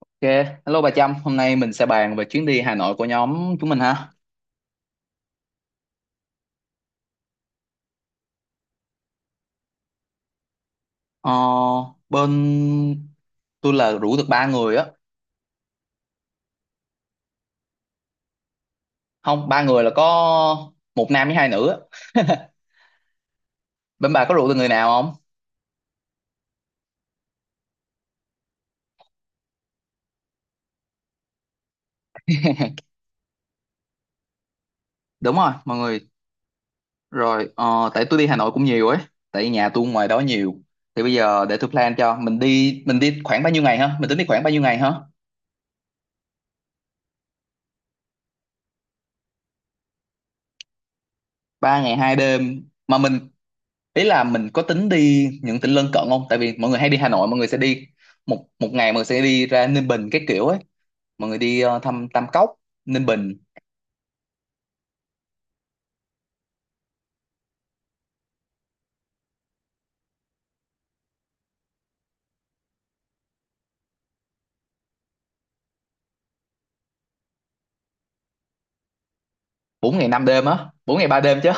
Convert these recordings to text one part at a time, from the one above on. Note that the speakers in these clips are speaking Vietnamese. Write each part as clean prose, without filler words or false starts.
Ok, hello bà Trâm, hôm nay mình sẽ bàn về chuyến đi Hà Nội của nhóm chúng mình ha. Ờ, Bên tôi là rủ được 3 người á, không 3 người là có một nam với 2 nữ á. Bên bà có rủ được người nào không? Đúng rồi, mọi người. Rồi, tại tôi đi Hà Nội cũng nhiều ấy, tại nhà tôi ngoài đó nhiều. Thì bây giờ để tôi plan cho mình đi khoảng bao nhiêu ngày ha? Mình tính đi khoảng bao nhiêu ngày ha? 3 ngày 2 đêm, mà mình ý là mình có tính đi những tỉnh lân cận không, tại vì mọi người hay đi Hà Nội mọi người sẽ đi một một ngày, mọi người sẽ đi ra Ninh Bình cái kiểu ấy, mọi người đi thăm Tam Cốc Ninh Bình. 4 ngày 5 đêm á, 4 ngày 3 đêm chứ.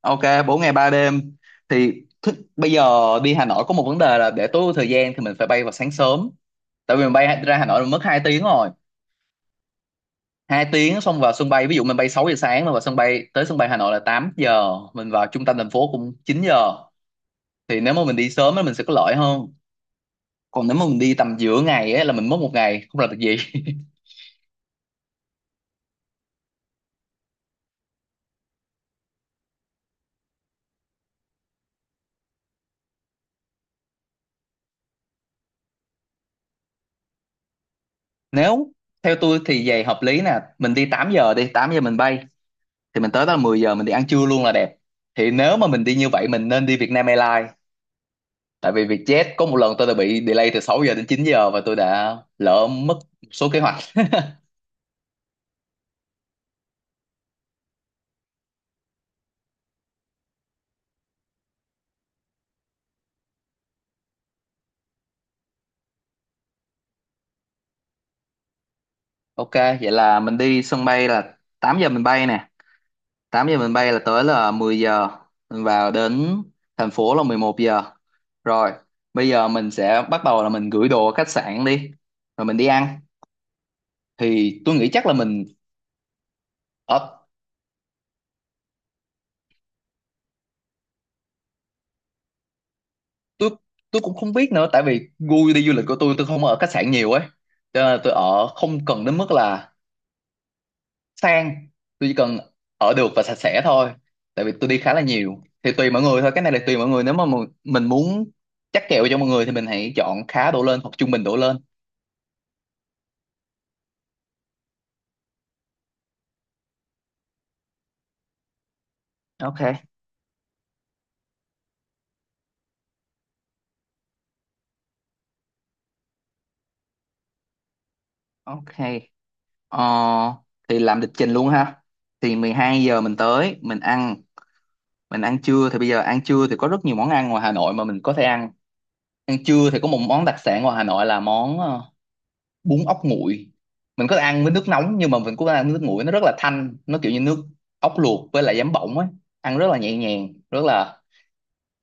Ok, 4 ngày 3 đêm thì bây giờ đi Hà Nội có một vấn đề là để tối ưu thời gian thì mình phải bay vào sáng sớm, tại vì mình bay ra Hà Nội là mất 2 tiếng rồi. 2 tiếng, xong vào sân bay, ví dụ mình bay 6 giờ sáng mà vào sân bay tới sân bay Hà Nội là 8 giờ, mình vào trung tâm thành phố cũng 9 giờ. Thì nếu mà mình đi sớm thì mình sẽ có lợi hơn, còn nếu mà mình đi tầm giữa ngày ấy, là mình mất một ngày không làm được gì. Nếu theo tôi thì về hợp lý nè, mình đi 8 giờ, đi 8 giờ mình bay thì mình tới đó là 10 giờ, mình đi ăn trưa luôn là đẹp. Thì nếu mà mình đi như vậy mình nên đi Vietnam Airlines, tại vì Vietjet có một lần tôi đã bị delay từ 6 giờ đến 9 giờ và tôi đã lỡ mất một số kế hoạch. Ok, vậy là mình đi sân bay là 8 giờ mình bay nè, 8 giờ mình bay là tới là 10 giờ, mình vào đến thành phố là 11 giờ rồi. Bây giờ mình sẽ bắt đầu là mình gửi đồ ở khách sạn đi rồi mình đi ăn. Thì tôi nghĩ chắc là mình ở. Tôi tôi cũng không biết nữa, tại vì gu đi du lịch của tôi không ở khách sạn nhiều ấy, cho nên là tôi ở không cần đến mức là sang, tôi chỉ cần ở được và sạch sẽ thôi. Tại vì tôi đi khá là nhiều thì tùy mọi người thôi, cái này là tùy mọi người. Nếu mà mình muốn chắc kèo cho mọi người thì mình hãy chọn khá đổ lên hoặc trung bình đổ lên. Ok. Ok. Ờ, thì làm lịch trình luôn ha. Thì 12 giờ mình tới, mình ăn trưa. Thì bây giờ ăn trưa thì có rất nhiều món ăn ngoài Hà Nội mà mình có thể ăn. Ăn trưa thì có một món đặc sản ngoài Hà Nội là món bún ốc nguội. Mình có thể ăn với nước nóng nhưng mà mình cũng có thể ăn với nước nguội, nó rất là thanh, nó kiểu như nước ốc luộc với lại giấm bỗng ấy, ăn rất là nhẹ nhàng, rất là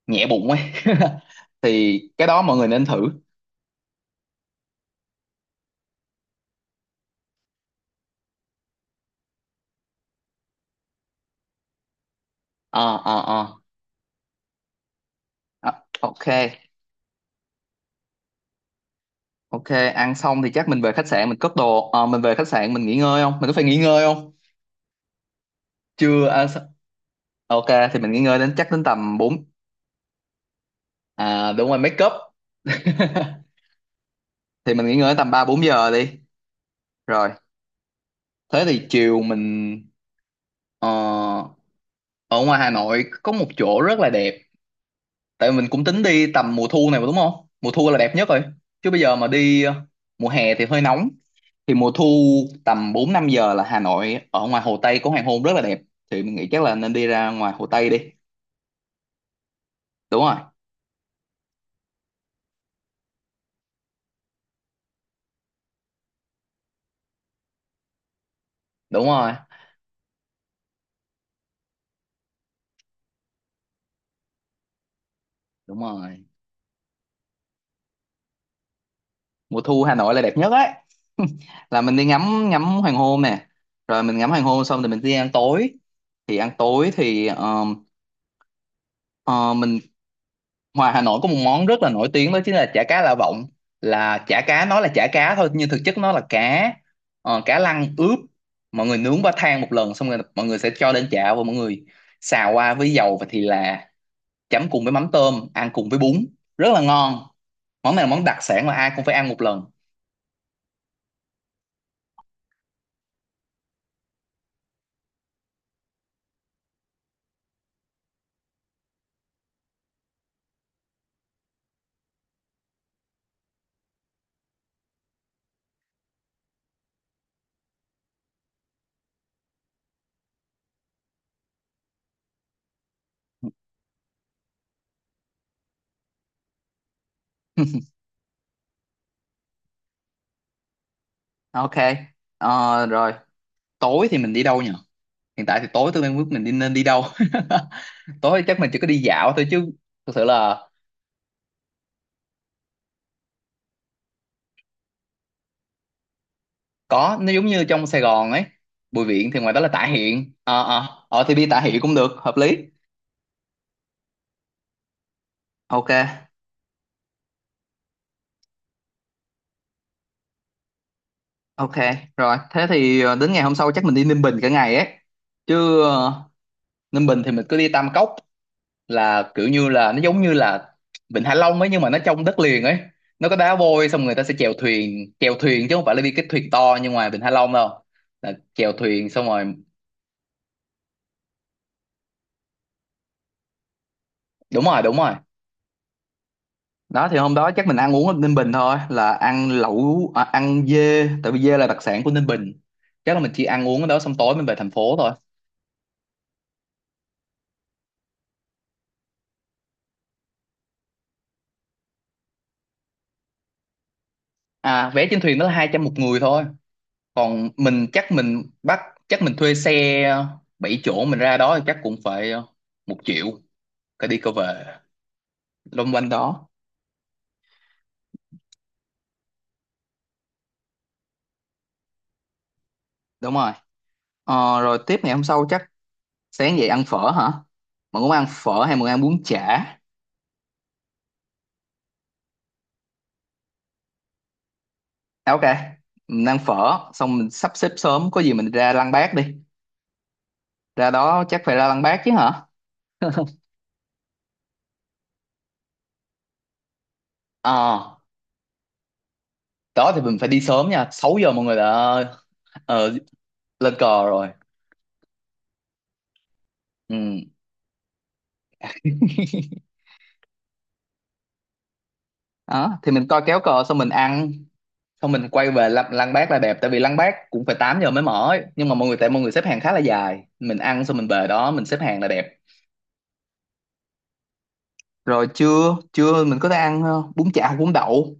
nhẹ bụng ấy. Thì cái đó mọi người nên thử. Ờ ờ ờ. Ờ, Ok. Ok, ăn xong thì chắc mình về khách sạn mình cất đồ. Ờ, mình về khách sạn mình nghỉ ngơi không? Mình có phải nghỉ ngơi không? Chưa ăn xong- Ok, thì mình nghỉ ngơi đến chắc đến tầm 4, à đúng rồi, make up. Thì mình nghỉ ngơi đến tầm 3 4 giờ đi. Rồi, thế thì chiều mình ờ, ở ngoài Hà Nội có một chỗ rất là đẹp. Tại mình cũng tính đi tầm mùa thu này mà đúng không? Mùa thu là đẹp nhất rồi. Chứ bây giờ mà đi mùa hè thì hơi nóng. Thì mùa thu tầm 4 5 giờ là Hà Nội ở ngoài Hồ Tây có hoàng hôn rất là đẹp. Thì mình nghĩ chắc là nên đi ra ngoài Hồ Tây đi. Đúng rồi, đúng rồi, đúng rồi, mùa thu Hà Nội là đẹp nhất ấy. Là mình đi ngắm ngắm hoàng hôn nè, rồi mình ngắm hoàng hôn xong thì mình đi ăn tối. Thì ăn tối thì ờ, mình, ngoài Hà Nội có một món rất là nổi tiếng đó chính là chả cá Lạ Vọng. Là chả cá, nói là chả cá thôi nhưng thực chất nó là cá, cá lăng ướp, mọi người nướng qua than một lần xong rồi mọi người sẽ cho lên chảo và mọi người xào qua với dầu và thì là, chấm cùng với mắm tôm ăn cùng với bún, rất là ngon. Món này là món đặc sản mà ai cũng phải ăn một lần. Ok. Rồi tối thì mình đi đâu nhỉ, hiện tại thì tối tôi đang biết mình đi nên đi đâu. Tối chắc mình chỉ có đi dạo thôi chứ, thực sự là có, nó giống như trong Sài Gòn ấy. Bùi Viện thì ngoài đó là Tạ Hiện, ờ ờ ờ, thì đi Tạ Hiện cũng được, hợp lý. Ok. Ok, rồi thế thì đến ngày hôm sau chắc mình đi Ninh Bình cả ngày ấy, chứ Ninh Bình thì mình cứ đi Tam Cốc, là kiểu như là, nó giống như là Vịnh Hạ Long ấy nhưng mà nó trong đất liền ấy. Nó có đá vôi, xong người ta sẽ chèo thuyền chứ không phải là đi cái thuyền to như ngoài Vịnh Hạ Long đâu, là chèo thuyền xong rồi. Đúng rồi, đúng rồi. Đó thì hôm đó chắc mình ăn uống ở Ninh Bình thôi, là ăn lẩu, à, ăn dê, tại vì dê là đặc sản của Ninh Bình. Chắc là mình chỉ ăn uống ở đó xong tối mình về thành phố thôi. À, vé trên thuyền đó là 200 một người thôi. Còn mình chắc mình bắt, chắc mình thuê xe 7 chỗ mình ra đó thì chắc cũng phải 1 triệu cái đi cái về. Lông quanh đó. Đúng rồi. Rồi tiếp ngày hôm sau chắc sáng dậy ăn phở hả, mình muốn ăn phở hay mình ăn bún chả? À, ok, mình ăn phở xong mình sắp xếp sớm có gì mình ra Lăng Bác đi. Ra đó chắc phải ra Lăng Bác chứ hả. Ờ, đó thì mình phải đi sớm nha, 6 giờ mọi người đã ờ, lên cờ rồi. Ừ. Đó thì mình coi kéo cờ xong mình ăn, xong mình quay về lăng, lăng Bác là đẹp tại vì lăng Bác cũng phải 8 giờ mới mở ấy. Nhưng mà mọi người, tại mọi người xếp hàng khá là dài, mình ăn xong mình về đó mình xếp hàng là đẹp. Rồi trưa trưa mình có thể ăn bún chả, bún đậu.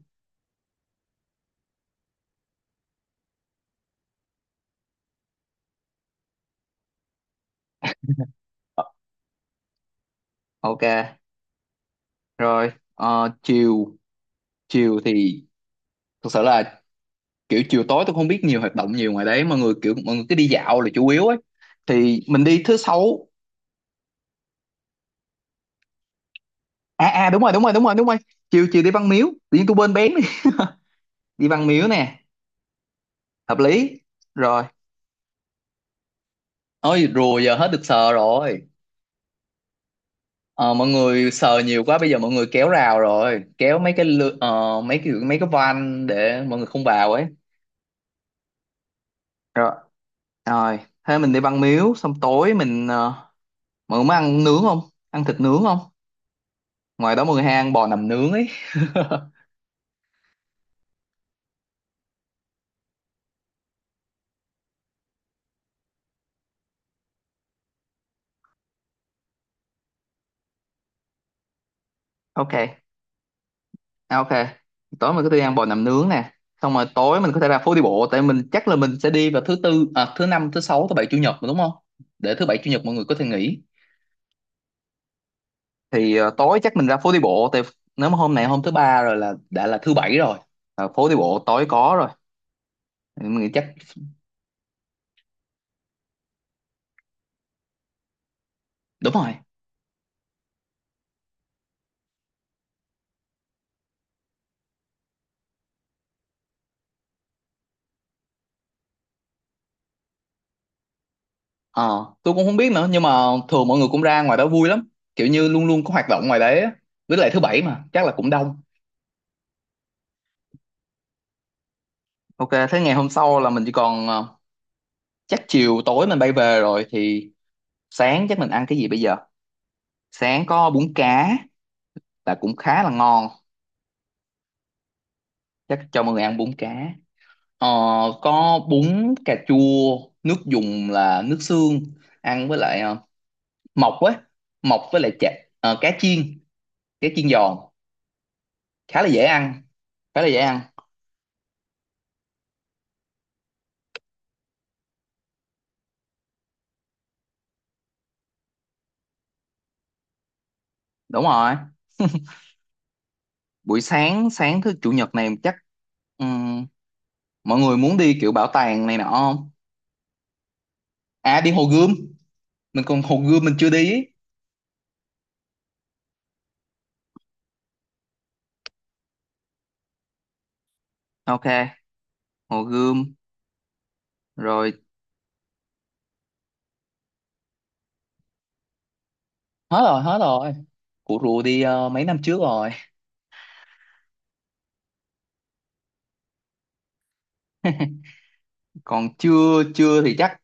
Ok. Rồi, chiều, chiều thì thực sự là kiểu chiều tối tôi không biết nhiều hoạt động nhiều ngoài đấy, mọi người kiểu mọi người cứ đi dạo là chủ yếu ấy, thì mình đi thứ sáu. À à, đúng rồi, đúng rồi, đúng rồi, đúng rồi, chiều chiều đi Văn Miếu, tự nhiên tôi quên bén đi. Đi Văn Miếu nè, hợp lý. Rồi, ôi rùa giờ hết được sờ rồi. Ờ, mọi người sờ nhiều quá bây giờ mọi người kéo rào rồi, kéo mấy cái mấy cái, mấy cái van để mọi người không vào ấy. Rồi. Rồi, thế mình đi băng miếu, xong tối mình mọi người muốn ăn nướng không? Ăn thịt nướng không? Ngoài đó mọi người hay ăn bò nằm nướng ấy. Ok, à, ok. Tối mình có thể đi ăn bò nằm nướng nè. Xong rồi tối mình có thể ra phố đi bộ, tại mình chắc là mình sẽ đi vào thứ tư, à, thứ năm, thứ sáu, thứ bảy, chủ nhật mà đúng không? Để thứ bảy, chủ nhật mọi người có thể nghỉ. Thì tối chắc mình ra phố đi bộ, tại nếu mà hôm này hôm thứ ba rồi là đã là thứ bảy rồi. Ờ, phố đi bộ tối có rồi. Mình nghĩ chắc đúng rồi. Ờ, tôi cũng không biết nữa, nhưng mà thường mọi người cũng ra ngoài đó vui lắm, kiểu như luôn luôn có hoạt động ngoài đấy á. Với lại thứ bảy mà chắc là cũng đông. Ok, thế ngày hôm sau là mình chỉ còn, chắc chiều tối mình bay về rồi thì sáng chắc mình ăn cái gì bây giờ. Sáng có bún cá, là cũng khá là ngon, chắc cho mọi người ăn bún cá. ờ, có bún cà chua, nước dùng là nước xương, ăn với lại mọc ấy, mọc với lại chả, cá chiên, cá chiên giòn, khá là dễ ăn, khá là dễ ăn. Đúng rồi, buổi sáng, sáng thứ chủ nhật này chắc, ừm, mọi người muốn đi kiểu bảo tàng này nọ không, à đi Hồ Gươm, mình còn Hồ Gươm mình chưa đi. Ok, Hồ Gươm. Rồi, hết rồi, hết rồi, cụ rùa đi mấy năm trước rồi. Còn chưa, chưa thì chắc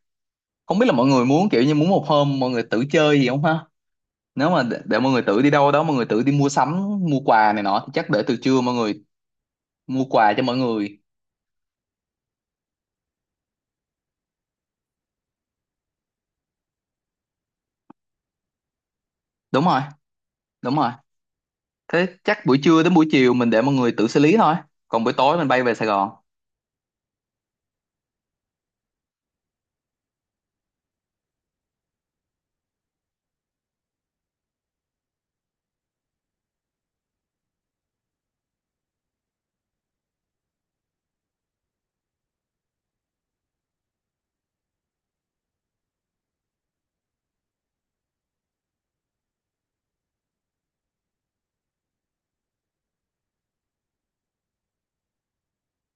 không biết là mọi người muốn kiểu như muốn một hôm mọi người tự chơi gì không ha. Nếu mà để mọi người tự đi đâu đó, mọi người tự đi mua sắm mua quà này nọ thì chắc để từ trưa mọi người mua quà cho mọi người. Đúng rồi, đúng rồi, thế chắc buổi trưa đến buổi chiều mình để mọi người tự xử lý thôi, còn buổi tối mình bay về Sài Gòn.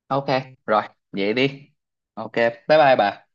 Ok, rồi, vậy đi. Ok, bye bye bà.